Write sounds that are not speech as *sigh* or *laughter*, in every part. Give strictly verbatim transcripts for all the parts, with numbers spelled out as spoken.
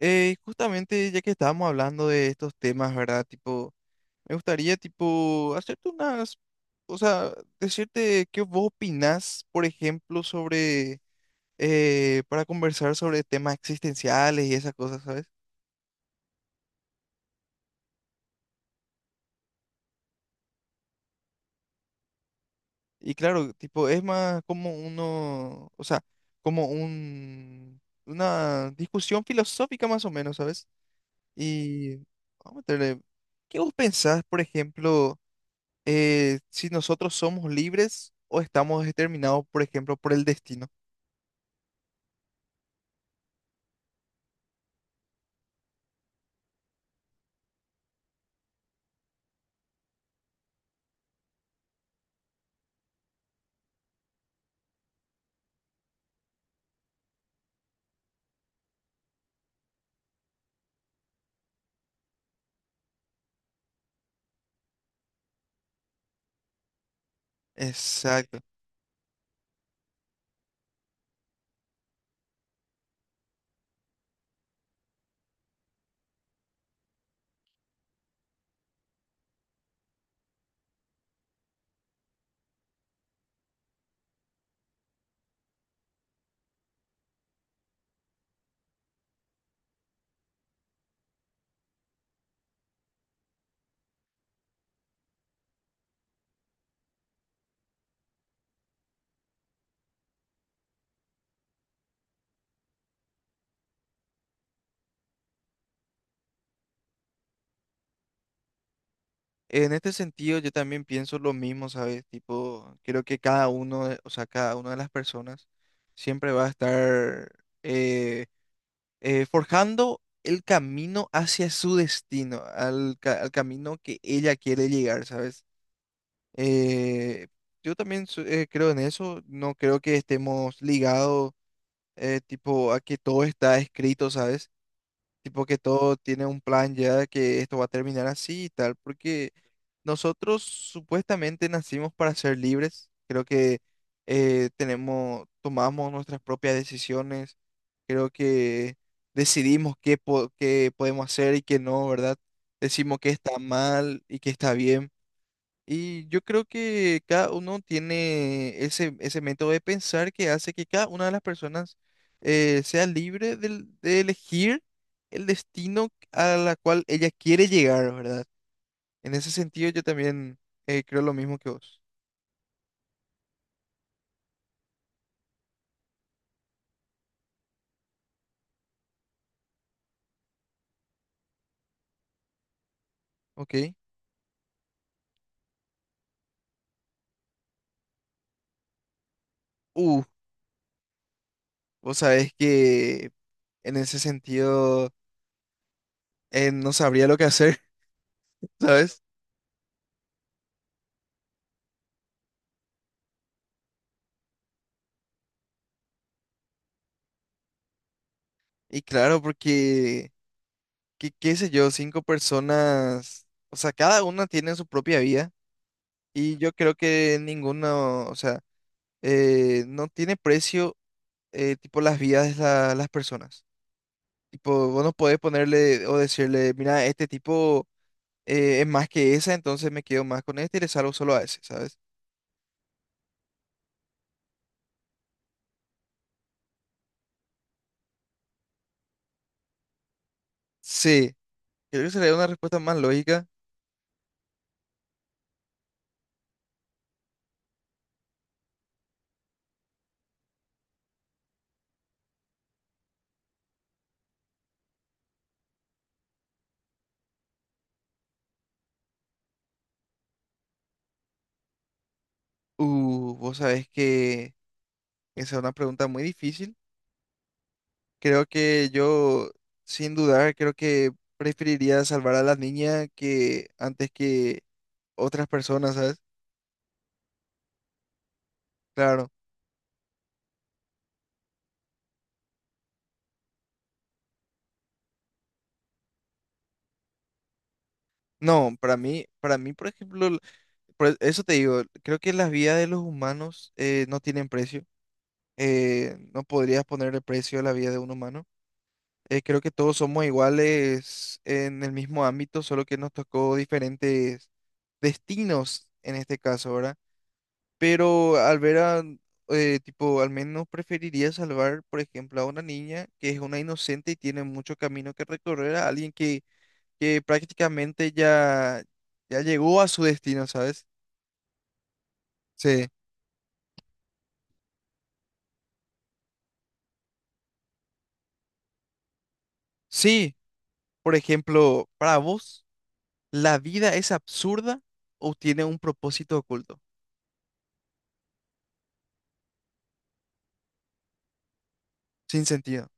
Eh, justamente ya que estábamos hablando de estos temas, ¿verdad? Tipo, me gustaría, tipo, hacerte unas, o sea, decirte qué vos opinás, por ejemplo, sobre, eh, para conversar sobre temas existenciales y esas cosas, ¿sabes? Y claro, tipo, es más como uno, o sea, como un, una discusión filosófica más o menos, ¿sabes? Y vamos a meterle, ¿qué vos pensás, por ejemplo? Eh, si nosotros somos libres o estamos determinados, por ejemplo, por el destino. Exacto. En este sentido, yo también pienso lo mismo, ¿sabes? Tipo, creo que cada uno, de- o sea, cada una de las personas siempre va a estar eh, eh, forjando el camino hacia su destino, al, ca- al camino que ella quiere llegar, ¿sabes? Eh, yo también so- eh, creo en eso, no creo que estemos ligados eh, tipo a que todo está escrito, ¿sabes? Tipo que todo tiene un plan ya, que esto va a terminar así y tal, porque nosotros supuestamente nacimos para ser libres. Creo que eh, tenemos, tomamos nuestras propias decisiones. Creo que decidimos qué, po- qué podemos hacer y qué no, ¿verdad? Decimos qué está mal y qué está bien. Y yo creo que cada uno tiene ese, ese método de pensar que hace que cada una de las personas eh, sea libre del- de, elegir el destino a la cual ella quiere llegar, ¿verdad? En ese sentido yo también eh, creo lo mismo que vos, ¿ok? Uh, vos sabés que en ese sentido eh, no sabría lo que hacer, *laughs* ¿sabes? Y claro, porque, qué qué sé yo, cinco personas, o sea, cada una tiene su propia vida. Y yo creo que ninguno, o sea, eh, no tiene precio, eh, tipo, las vidas de la- las personas. Tipo, vos no podés ponerle o decirle, mira, este tipo eh, es más que esa, entonces me quedo más con este y le salgo solo a ese, ¿sabes? Sí, creo que sería una respuesta más lógica. Uh, vos sabés que esa es una pregunta muy difícil. Creo que yo, sin dudar, creo que preferiría salvar a la niña que antes que otras personas, ¿sabes? Claro. No, para mí, para mí, por ejemplo, l- por e- eso te digo, creo que las vidas de los humanos eh, no tienen precio. Eh, no podrías ponerle precio a la vida de un humano. Eh, creo que todos somos iguales en el mismo ámbito, solo que nos tocó diferentes destinos en este caso, ¿verdad? Pero al ver a, eh, tipo, al menos preferiría salvar, por ejemplo, a una niña que es una inocente y tiene mucho camino que recorrer a alguien que que prácticamente ya, ya llegó a su destino, ¿sabes? Sí. Sí, por ejemplo, para vos, ¿la vida es absurda o tiene un propósito oculto, sin sentido?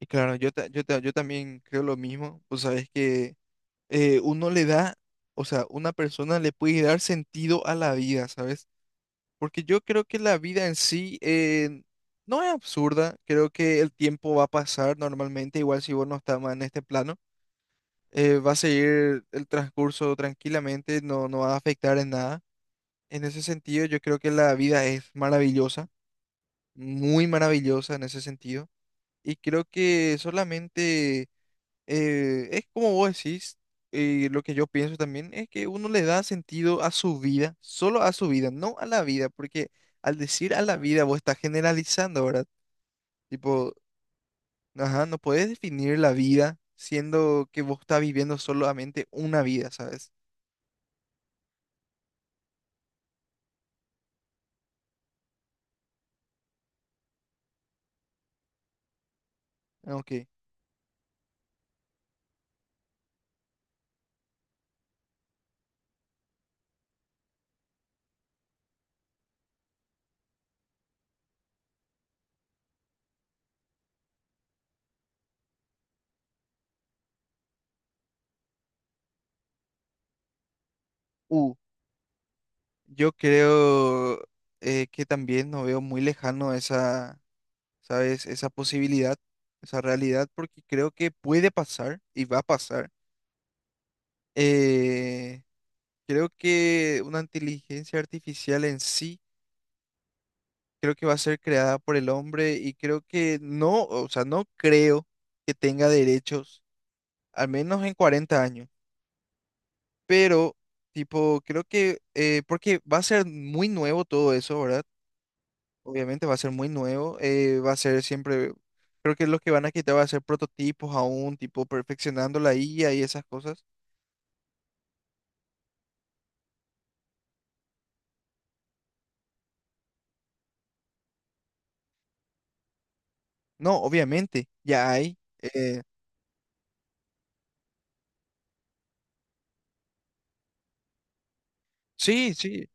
Y claro, yo, ta- yo, ta- yo también creo lo mismo, pues sabes que eh, uno le da, o sea, una persona le puede dar sentido a la vida, ¿sabes? Porque yo creo que la vida en sí eh, no es absurda, creo que el tiempo va a pasar normalmente, igual si vos no estás más en este plano. Eh, va a seguir el transcurso tranquilamente, no, no va a afectar en nada. En ese sentido, yo creo que la vida es maravillosa, muy maravillosa en ese sentido. Y creo que solamente eh, es como vos decís, eh, lo que yo pienso también es que uno le da sentido a su vida, solo a su vida, no a la vida, porque al decir a la vida vos estás generalizando, ¿verdad? Tipo, ajá, no puedes definir la vida siendo que vos estás viviendo solamente una vida, ¿sabes? Ok. Uh, yo creo eh, que también no veo muy lejano esa, ¿sabes? Esa posibilidad, esa realidad, porque creo que puede pasar y va a pasar. Eh, creo que una inteligencia artificial en sí, creo que va a ser creada por el hombre y creo que no, o sea, no creo que tenga derechos, al menos en cuarenta años, pero tipo, creo que, eh, porque va a ser muy nuevo todo eso, ¿verdad? Obviamente va a ser muy nuevo, eh, va a ser siempre, creo que lo que van a quitar va a ser prototipos aún, tipo perfeccionando la I A y esas cosas. No, obviamente, ya hay. Eh, sí, sí,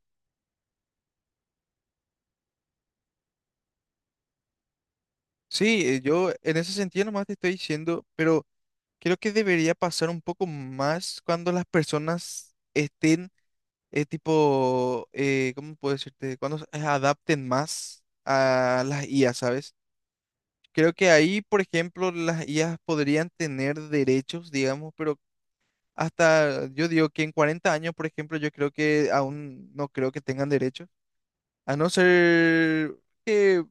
sí, eh, yo en ese sentido nomás te estoy diciendo, pero creo que debería pasar un poco más cuando las personas estén, eh, tipo, eh, ¿cómo puedo decirte? Cuando se adapten más a las I A, ¿sabes? Creo que ahí, por ejemplo, las I As podrían tener derechos, digamos, pero hasta yo digo que en cuarenta años, por ejemplo, yo creo que aún no creo que tengan derechos, a no ser que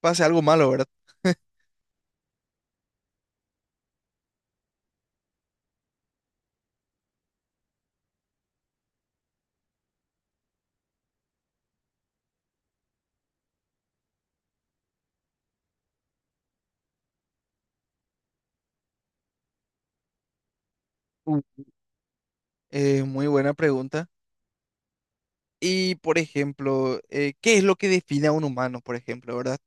pase algo malo, ¿verdad? Mm. Eh, muy buena pregunta. Y, por ejemplo, eh, ¿qué es lo que define a un humano, por ejemplo, verdad?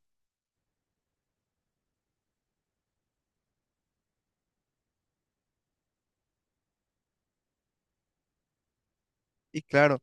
Y claro,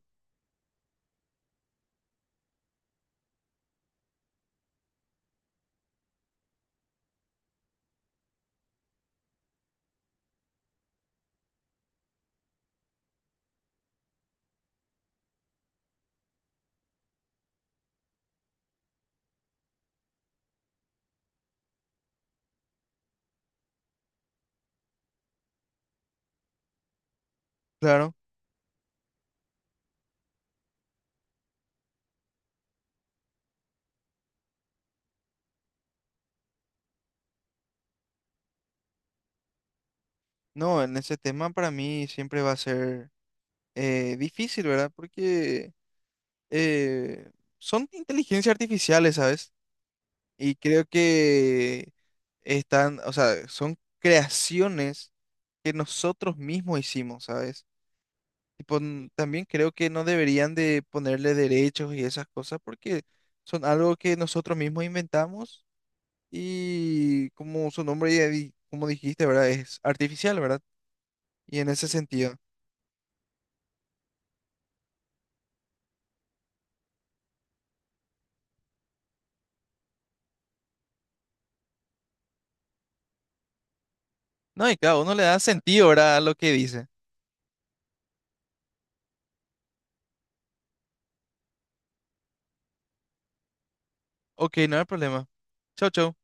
claro, no, en ese tema para mí siempre va a ser eh, difícil, ¿verdad? Porque eh, son inteligencias artificiales, ¿sabes? Y creo que están, o sea, son creaciones que nosotros mismos hicimos, ¿sabes? Tipo, n- también creo que no deberían de ponerle derechos y esas cosas porque son algo que nosotros mismos inventamos y como su nombre ya di- como dijiste, ¿verdad? Es artificial, ¿verdad? Y en ese sentido. No, y cada uno le da sentido, ¿verdad? A lo que dice. Ok, no hay problema. Chau, chau.